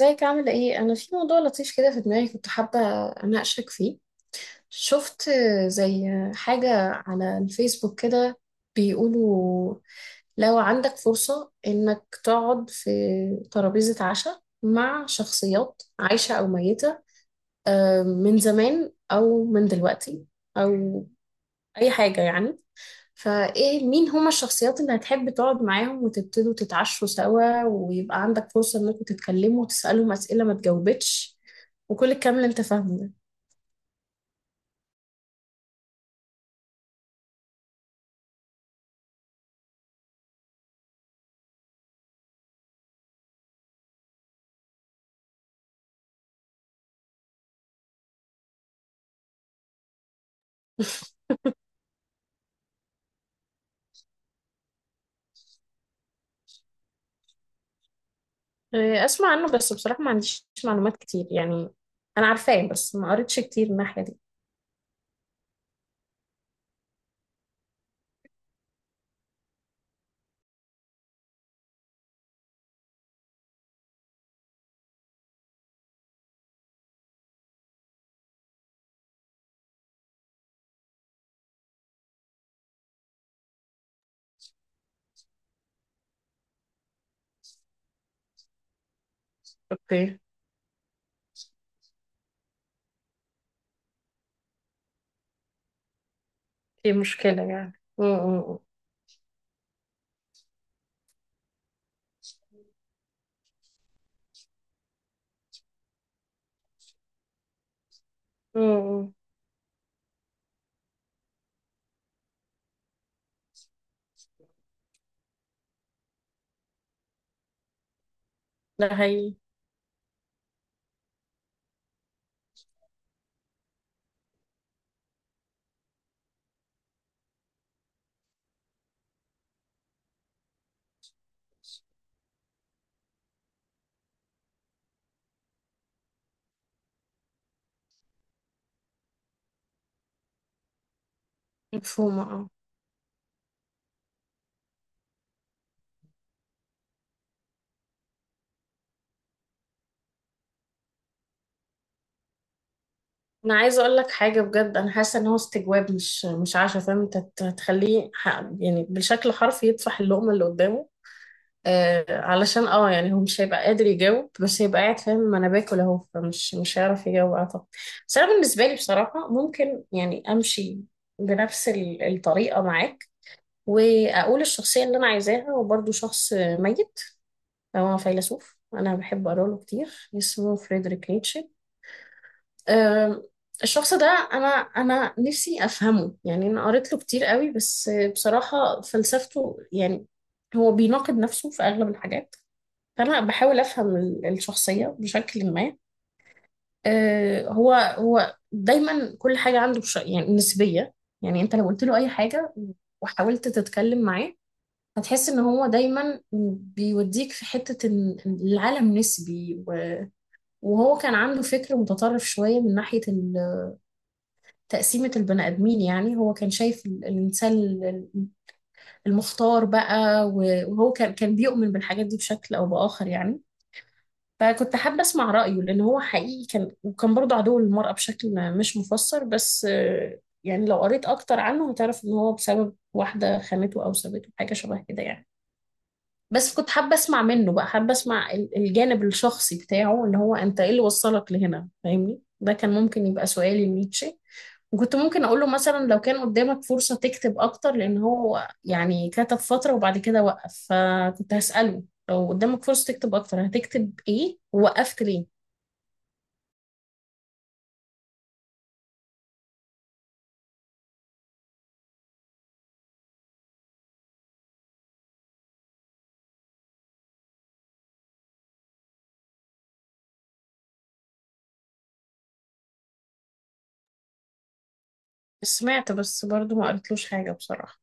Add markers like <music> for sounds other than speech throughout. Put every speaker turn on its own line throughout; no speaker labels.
ازيك عاملة ايه؟ أنا في موضوع لطيف كده في دماغي كنت حابة أناقشك فيه. شفت زي حاجة على الفيسبوك كده بيقولوا لو عندك فرصة إنك تقعد في ترابيزة عشاء مع شخصيات عايشة أو ميتة، من زمان أو من دلوقتي أو أي حاجة يعني. فايه مين هما الشخصيات اللي هتحب تقعد معاهم وتبتدوا تتعشوا سوا ويبقى عندك فرصة انكم تتكلموا وتسألهم أسئلة ما تجاوبتش وكل الكلام اللي انت فاهمه ده؟ <laughs> إيه، اسمع عنه بس بصراحة ما عنديش معلومات كتير يعني. انا عارفاه بس ما قريتش كتير من الناحية دي. اوكي. ايه مشكلة يعني م. ده هي. مفهومة اه. انا عايزة اقول لك حاجة بجد، انا حاسة ان هو استجواب مش عشا، فاهم؟ انت تخليه يعني بالشكل حرفي يطفح اللقمة اللي قدامه. آه، علشان اه يعني هو مش هيبقى قادر يجاوب، بس هيبقى قاعد فاهم ما انا باكل اهو، فمش مش هيعرف يجاوب اعتقد. بس انا بالنسبه لي بصراحه ممكن يعني امشي بنفس الطريقه معاك واقول الشخصيه اللي انا عايزاها، وبرضه شخص ميت. هو فيلسوف انا بحب اقرا له كتير، اسمه فريدريك نيتشه. آه، الشخص ده انا نفسي افهمه يعني. انا قريت له كتير قوي بس بصراحه فلسفته يعني هو بيناقض نفسه في اغلب الحاجات. فأنا بحاول أفهم الشخصية بشكل ما. آه، هو دايما كل حاجة عنده يعني نسبية. يعني أنت لو قلت له أي حاجة وحاولت تتكلم معاه هتحس إن هو دايما بيوديك في حتة إن العالم نسبي، و... وهو كان عنده فكر متطرف شوية من ناحية تقسيمة البني آدمين. يعني هو كان شايف المختار بقى، وهو كان بيؤمن بالحاجات دي بشكل أو بآخر يعني. فكنت حابة أسمع رأيه لأن هو حقيقي كان، وكان برضه عدو للمرأة بشكل مش مفسر، بس آه، يعني لو قريت أكتر عنه هتعرف إن هو بسبب واحدة خانته أو سابته حاجة شبه كده يعني. بس كنت حابة أسمع منه بقى، حابة أسمع الجانب الشخصي بتاعه، اللي هو أنت إيه اللي وصلك لهنا، فاهمني؟ ده كان ممكن يبقى سؤالي لنيتشه. وكنت ممكن أقول له مثلا لو كان قدامك فرصة تكتب أكتر، لأن هو يعني كتب فترة وبعد كده وقف، فكنت هسأله لو قدامك فرصة تكتب أكتر هتكتب إيه، ووقفت ليه؟ سمعت بس برضو ما قريتلوش حاجة بصراحة.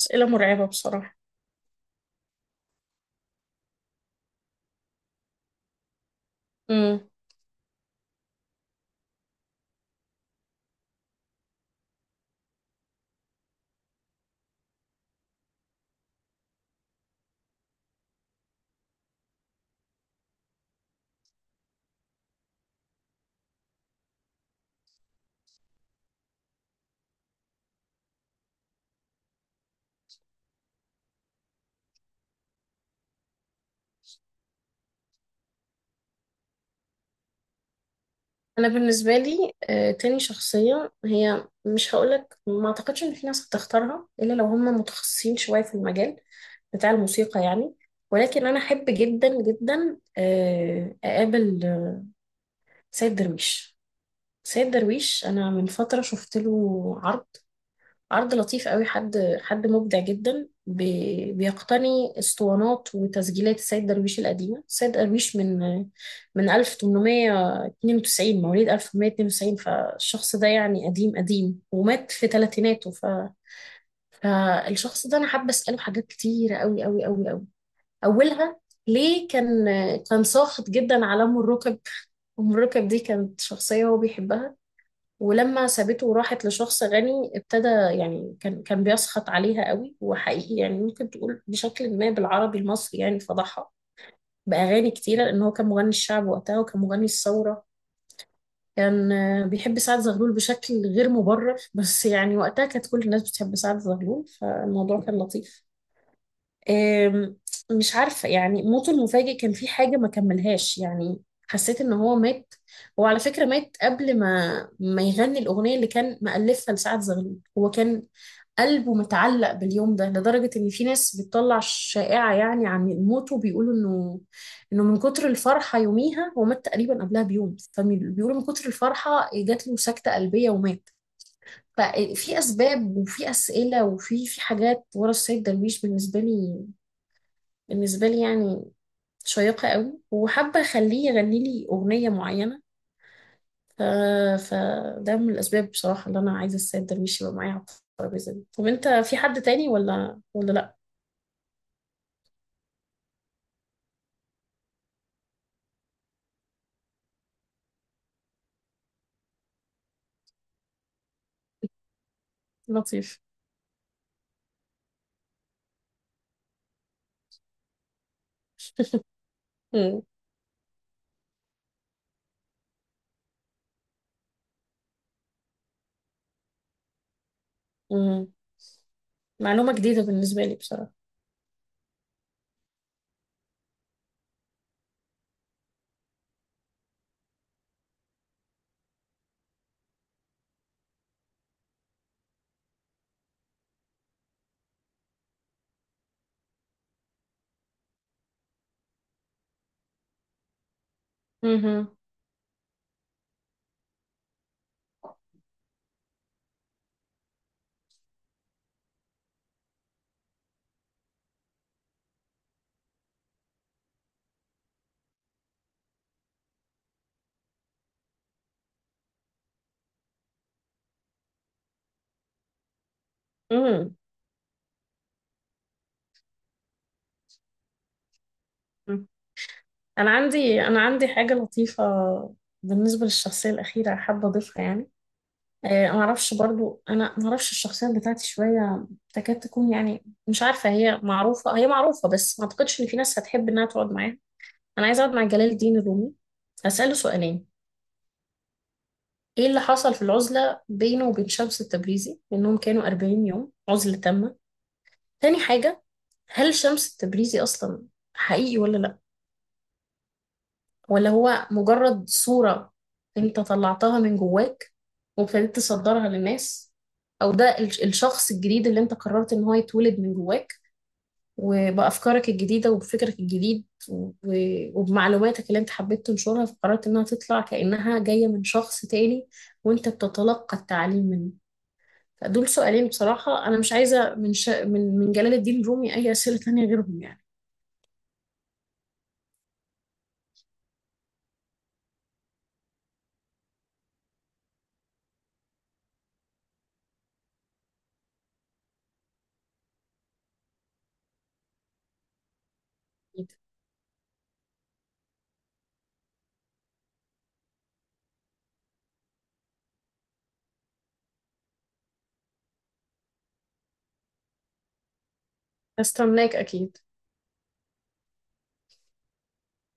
أسئلة مرعبة بصراحة. امم. أنا بالنسبة لي آه، تاني شخصية هي، مش هقولك، ما أعتقدش إن في ناس هتختارها إلا لو هم متخصصين شوية في المجال بتاع الموسيقى يعني. ولكن أنا أحب جدا جدا آه، أقابل سيد درويش. سيد درويش أنا من فترة شفت له عرض، عرض لطيف قوي، حد مبدع جدا بيقتني اسطوانات وتسجيلات السيد درويش القديمة. السيد درويش من من 1892، مواليد 1892، فالشخص ده يعني قديم قديم ومات في ثلاثيناته. ف... فالشخص ده انا حابة اسأله حاجات كتيرة قوي قوي قوي قوي. اولها ليه كان ساخط جدا على ام الركب. ام الركب دي كانت شخصية هو بيحبها، ولما سابته وراحت لشخص غني ابتدى يعني كان بيسخط عليها قوي، وحقيقي يعني ممكن تقول بشكل ما بالعربي المصري يعني فضحها بأغاني كتيرة، لأن هو كان مغني الشعب وقتها وكان مغني الثورة. كان آه، بيحب سعد زغلول بشكل غير مبرر، بس يعني وقتها كانت كل الناس بتحب سعد زغلول فالموضوع كان لطيف. آم، مش عارفة يعني موته المفاجئ كان في حاجة ما كملهاش يعني. حسيت ان هو مات، هو على فكرة مات قبل ما يغني الأغنية اللي كان مألفها لسعد زغلول. هو كان قلبه متعلق باليوم ده لدرجة ان في ناس بتطلع شائعة يعني عن موته، بيقولوا انه من كتر الفرحة يوميها هو مات تقريبا قبلها بيوم، فبيقولوا من كتر الفرحة جات له سكتة قلبية ومات. ففي أسباب وفي أسئلة وفي حاجات ورا السيد درويش بالنسبة لي، بالنسبة لي يعني شيقة قوي. وحابة أخليه يغني لي أغنية معينة. ف... فده من الأسباب بصراحة اللي أنا عايزة السيد درويش يبقى معايا على الترابيزة دي. طب أنت في حد تاني ولا لأ؟ لطيف. <laughs> مم. مم. معلومة جديدة بالنسبة لي بصراحة. مهم. مم. مم. أنا عندي حاجة لطيفة بالنسبة للشخصية الأخيرة حابة أضيفها يعني. آه، معرفش برضو، انا معرفش الشخصيات بتاعتي شويه تكاد تكون يعني مش عارفه، هي معروفه، هي معروفه بس ما اعتقدش ان في ناس هتحب انها تقعد معاها. انا عايزه اقعد مع جلال الدين الرومي. هساله سؤالين: ايه اللي حصل في العزله بينه وبين شمس التبريزي، لانهم كانوا 40 يوم عزله تامه. تاني حاجه، هل شمس التبريزي اصلا حقيقي ولا لا؟ ولا هو مجرد صورة انت طلعتها من جواك وابتديت تصدرها للناس؟ او ده الشخص الجديد اللي انت قررت ان هو يتولد من جواك، وبأفكارك الجديدة وبفكرك الجديد، وبمعلوماتك اللي انت حبيت تنشرها، فقررت انها تطلع كأنها جاية من شخص تاني وانت بتتلقى التعليم منه. فدول سؤالين بصراحة، انا مش عايزة من من جلال الدين الرومي اي أسئلة تانية غيرهم يعني. استناك اكيد.